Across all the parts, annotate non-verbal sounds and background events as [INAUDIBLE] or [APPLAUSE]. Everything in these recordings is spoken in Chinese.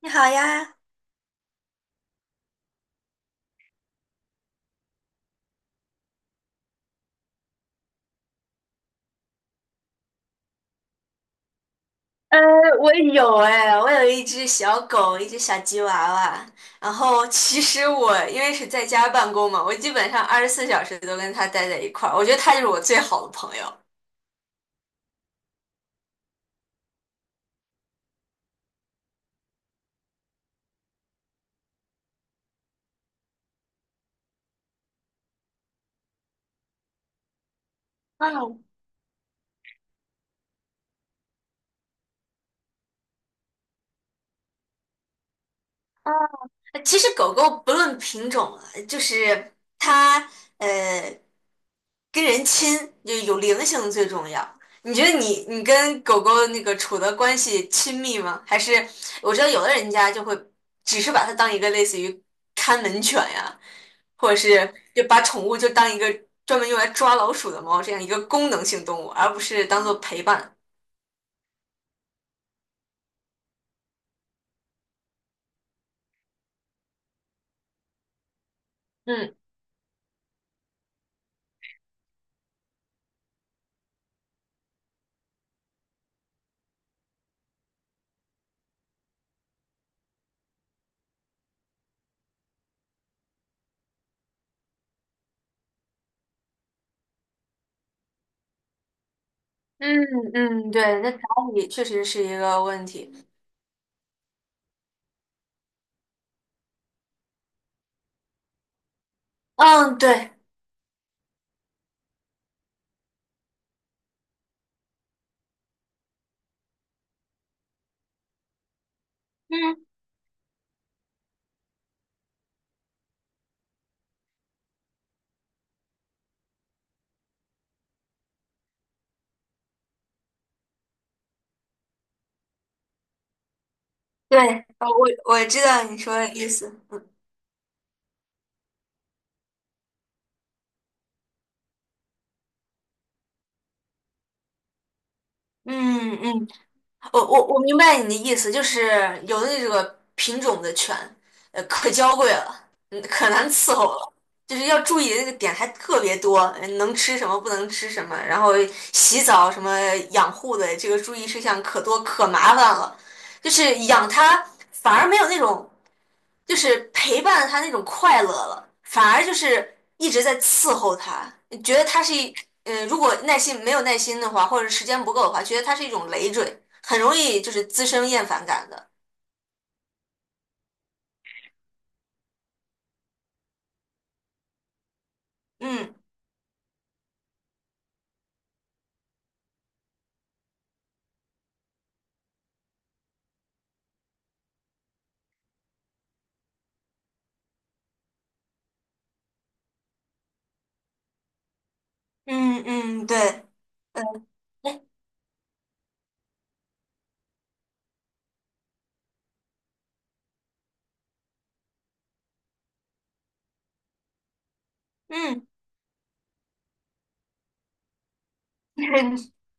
你好呀，呃，我有一只小狗，一只小吉娃娃。然后其实我因为是在家办公嘛，我基本上24小时都跟它待在一块儿。我觉得它就是我最好的朋友。啊啊，其实狗狗不论品种啊就是它呃跟人亲，就有灵性最重要。你觉得你跟狗狗那个处的关系亲密吗？还是我知道有的人家就会只是把它当一个类似于看门犬呀，或者是就把宠物就当一个专门用来抓老鼠的猫这样一个功能性动物，而不是当做陪伴。嗯嗯嗯，对，那打理确实是一个问题。嗯，对。嗯。对，呃，我我知道你说的意思。嗯嗯，我明白你的意思，就是有的那个品种的犬，可娇贵了，可难伺候了，就是要注意的那个点还特别多，能吃什么，不能吃什么，然后洗澡什么养护的这个注意事项可多可麻烦了，就是养它反而没有那种。就是陪伴他那种快乐了，反而就是一直在伺候他，觉得他是一，如果耐心没有耐心的话，或者时间不够的话，觉得他是一种累赘，很容易就是滋生厌烦感的。嗯嗯嗯，对，哎嗯，[LAUGHS] 哎，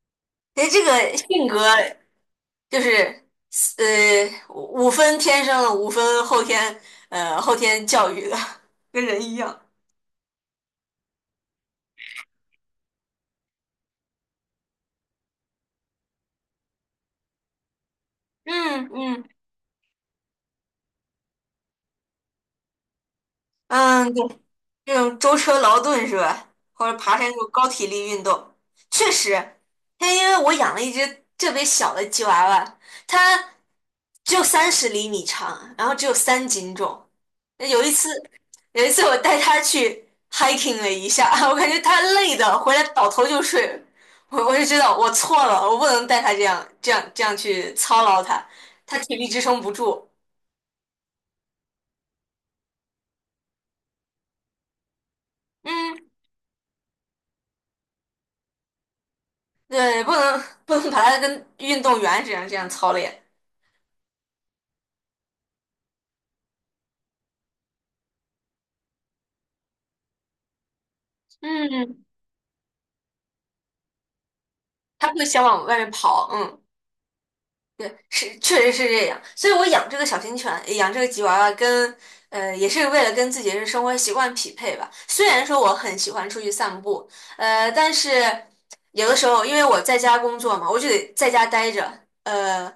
这个性格就是五分天生的，五分后天教育的，[LAUGHS] 跟人一样。嗯嗯嗯，这种舟车劳顿是吧？或者爬山这种高体力运动，确实。但因为我养了一只特别小的吉娃娃，它只有30厘米长，然后只有3斤重。那有一次，有一次我带它去 hiking 了一下，[LAUGHS] 我感觉它累的回来倒头就睡。我就知道我错了，我不能带它这样这样这样去操劳它，它体力支撑不住。嗯，对，不能把它跟运动员这样这样操练。嗯，他会想往外面跑，嗯。对，是确实是这样，所以我养这个小型犬，养这个吉娃娃也是为了跟自己的生活习惯匹配吧。虽然说我很喜欢出去散步，但是有的时候因为我在家工作嘛，我就得在家待着，呃，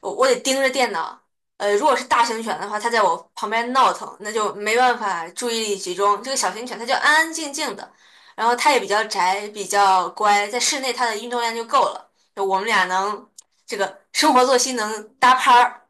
我得盯着电脑，如果是大型犬的话，它在我旁边闹腾，那就没办法注意力集中。这个小型犬它就安安静静的，然后它也比较宅，比较乖，在室内它的运动量就够了。就我们俩能。这个生活作息能搭拍儿。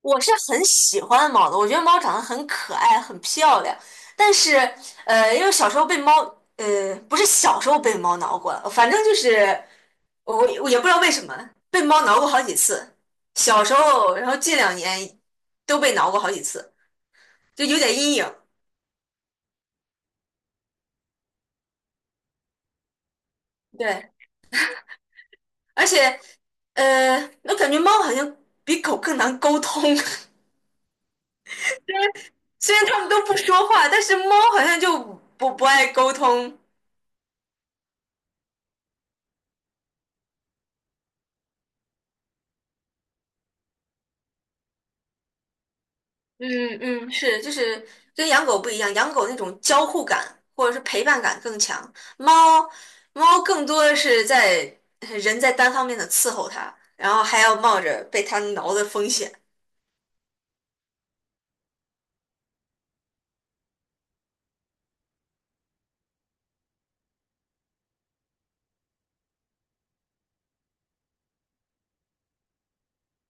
我是很喜欢猫的，我觉得猫长得很可爱，很漂亮。但是，呃，因为小时候被猫，呃，不是小时候被猫挠过，反正就是我我也不知道为什么被猫挠过好几次。小时候，然后近2年都被挠过好几次，就有点阴影。对，而且，呃，我感觉猫好像比狗更难沟通。[LAUGHS] 虽然它们都不说话，但是猫好像就不爱沟通，嗯嗯，是，就是跟养狗不一样，养狗那种交互感或者是陪伴感更强，猫猫更多的是在人在单方面的伺候它，然后还要冒着被它挠的风险。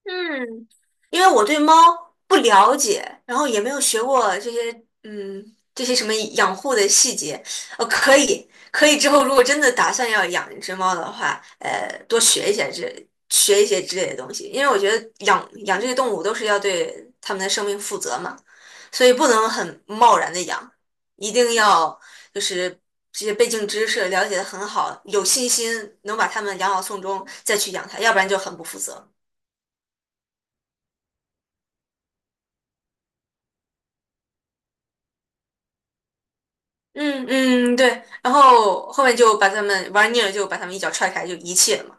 嗯，因为我对猫不了解，然后也没有学过这些，嗯，这些什么养护的细节。可以之后如果真的打算要养一只猫的话，多学一些这学一些之类的东西，因为我觉得养这些动物都是要对它们的生命负责嘛，所以不能很贸然的养，一定要就是这些背景知识了解的很好，有信心能把它们养好送终再去养它，要不然就很不负责。嗯嗯，对，然后后面就把他们玩腻了，就把他们一脚踹开，就遗弃了嘛。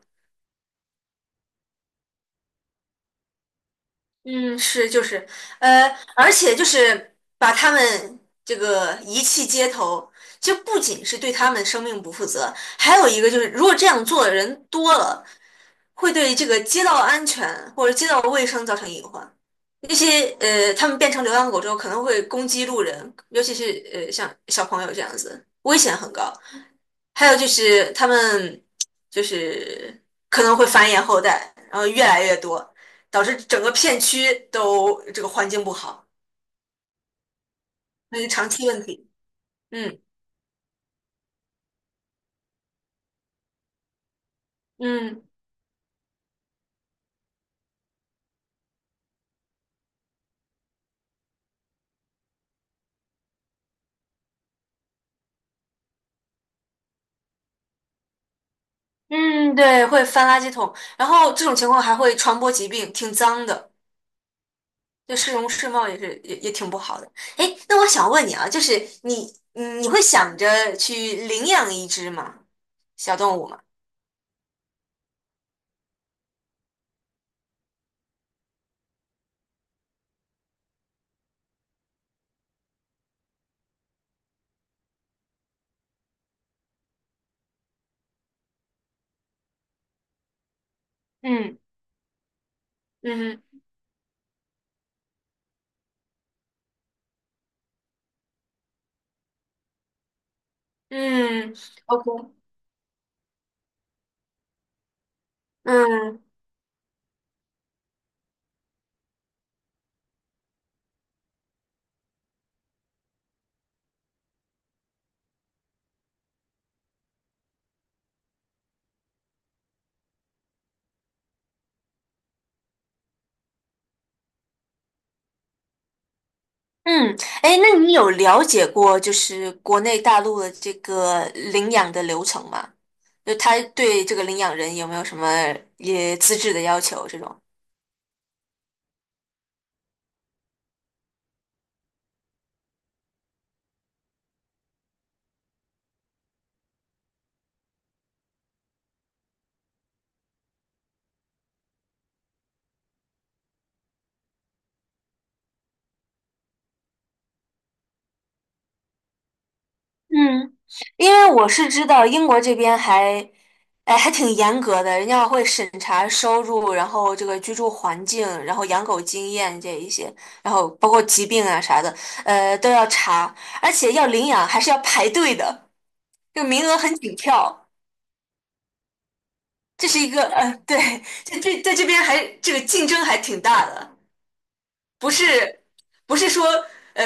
嗯，是就是，呃，而且就是把他们这个遗弃街头，就不仅是对他们生命不负责，还有一个就是，如果这样做的人多了，会对这个街道安全或者街道卫生造成隐患。那些他们变成流浪狗之后，可能会攻击路人，尤其是像小朋友这样子，危险很高。还有就是他们就是可能会繁衍后代，然后越来越多，导致整个片区都这个环境不好，那是长期问题。嗯嗯嗯，对，会翻垃圾桶，然后这种情况还会传播疾病，挺脏的。对市容市貌也是也挺不好的。哎，那我想问你啊，就是你会想着去领养一只吗？小动物吗？嗯嗯嗯，OK，嗯。嗯，哎，那你有了解过就是国内大陆的这个领养的流程吗？就他对这个领养人有没有什么也资质的要求这种？嗯，因为我是知道英国这边还，哎，还挺严格的，人家会审查收入，然后这个居住环境，然后养狗经验这一些，然后包括疾病啊啥的，都要查，而且要领养还是要排队的，就名额很紧俏。这是一个对，这在这边还这个竞争还挺大的，不是不是说呃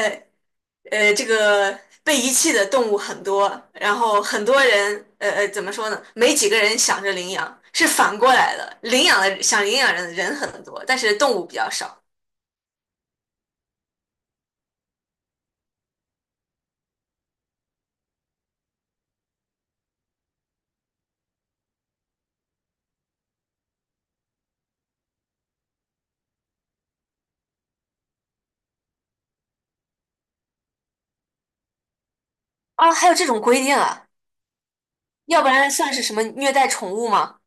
这个被遗弃的动物很多，然后很多人怎么说呢？没几个人想着领养，是反过来的，领养的想领养人的人很多，但是动物比较少啊。还有这种规定啊，要不然算是什么虐待宠物吗？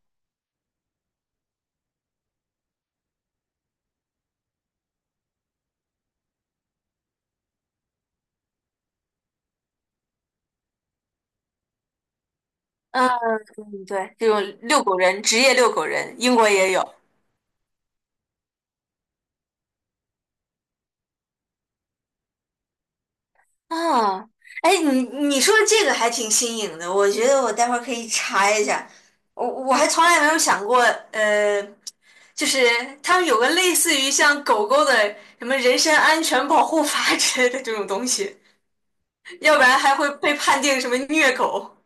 嗯，对，这种遛狗人，职业遛狗人，英国也有。啊，哎，你说这个还挺新颖的，我觉得我待会儿可以查一下。我还从来没有想过，呃，就是他们有个类似于像狗狗的什么人身安全保护法 [LAUGHS] 之类的这种东西，要不然还会被判定什么虐狗。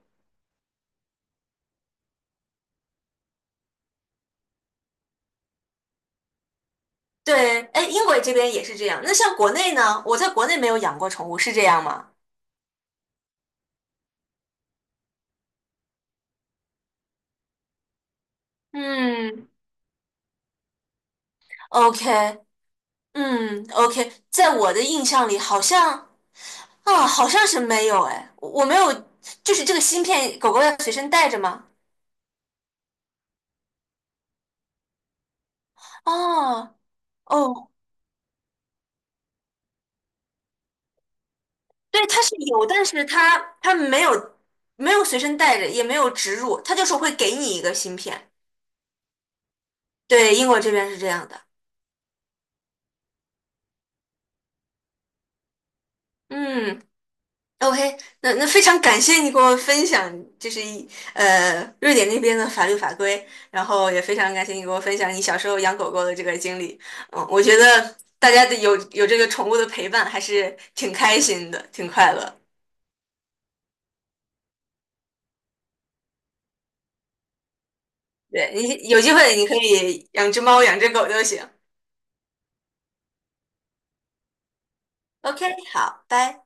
对，哎，英国这边也是这样。那像国内呢？我在国内没有养过宠物，是这样吗？嗯，OK，嗯，OK，在我的印象里，好像。啊，好像是没有哎，我没有，就是这个芯片，狗狗要随身带着吗？哦哦，对，它是有，但是它没有随身带着，也没有植入，它就是会给你一个芯片。对，英国这边是这样的。嗯。OK，那非常感谢你给我分享，就是瑞典那边的法律法规，然后也非常感谢你给我分享你小时候养狗狗的这个经历。嗯，我觉得大家的有这个宠物的陪伴还是挺开心的，挺快乐。对，你有机会你可以养只猫，养只狗都行。OK，好，拜。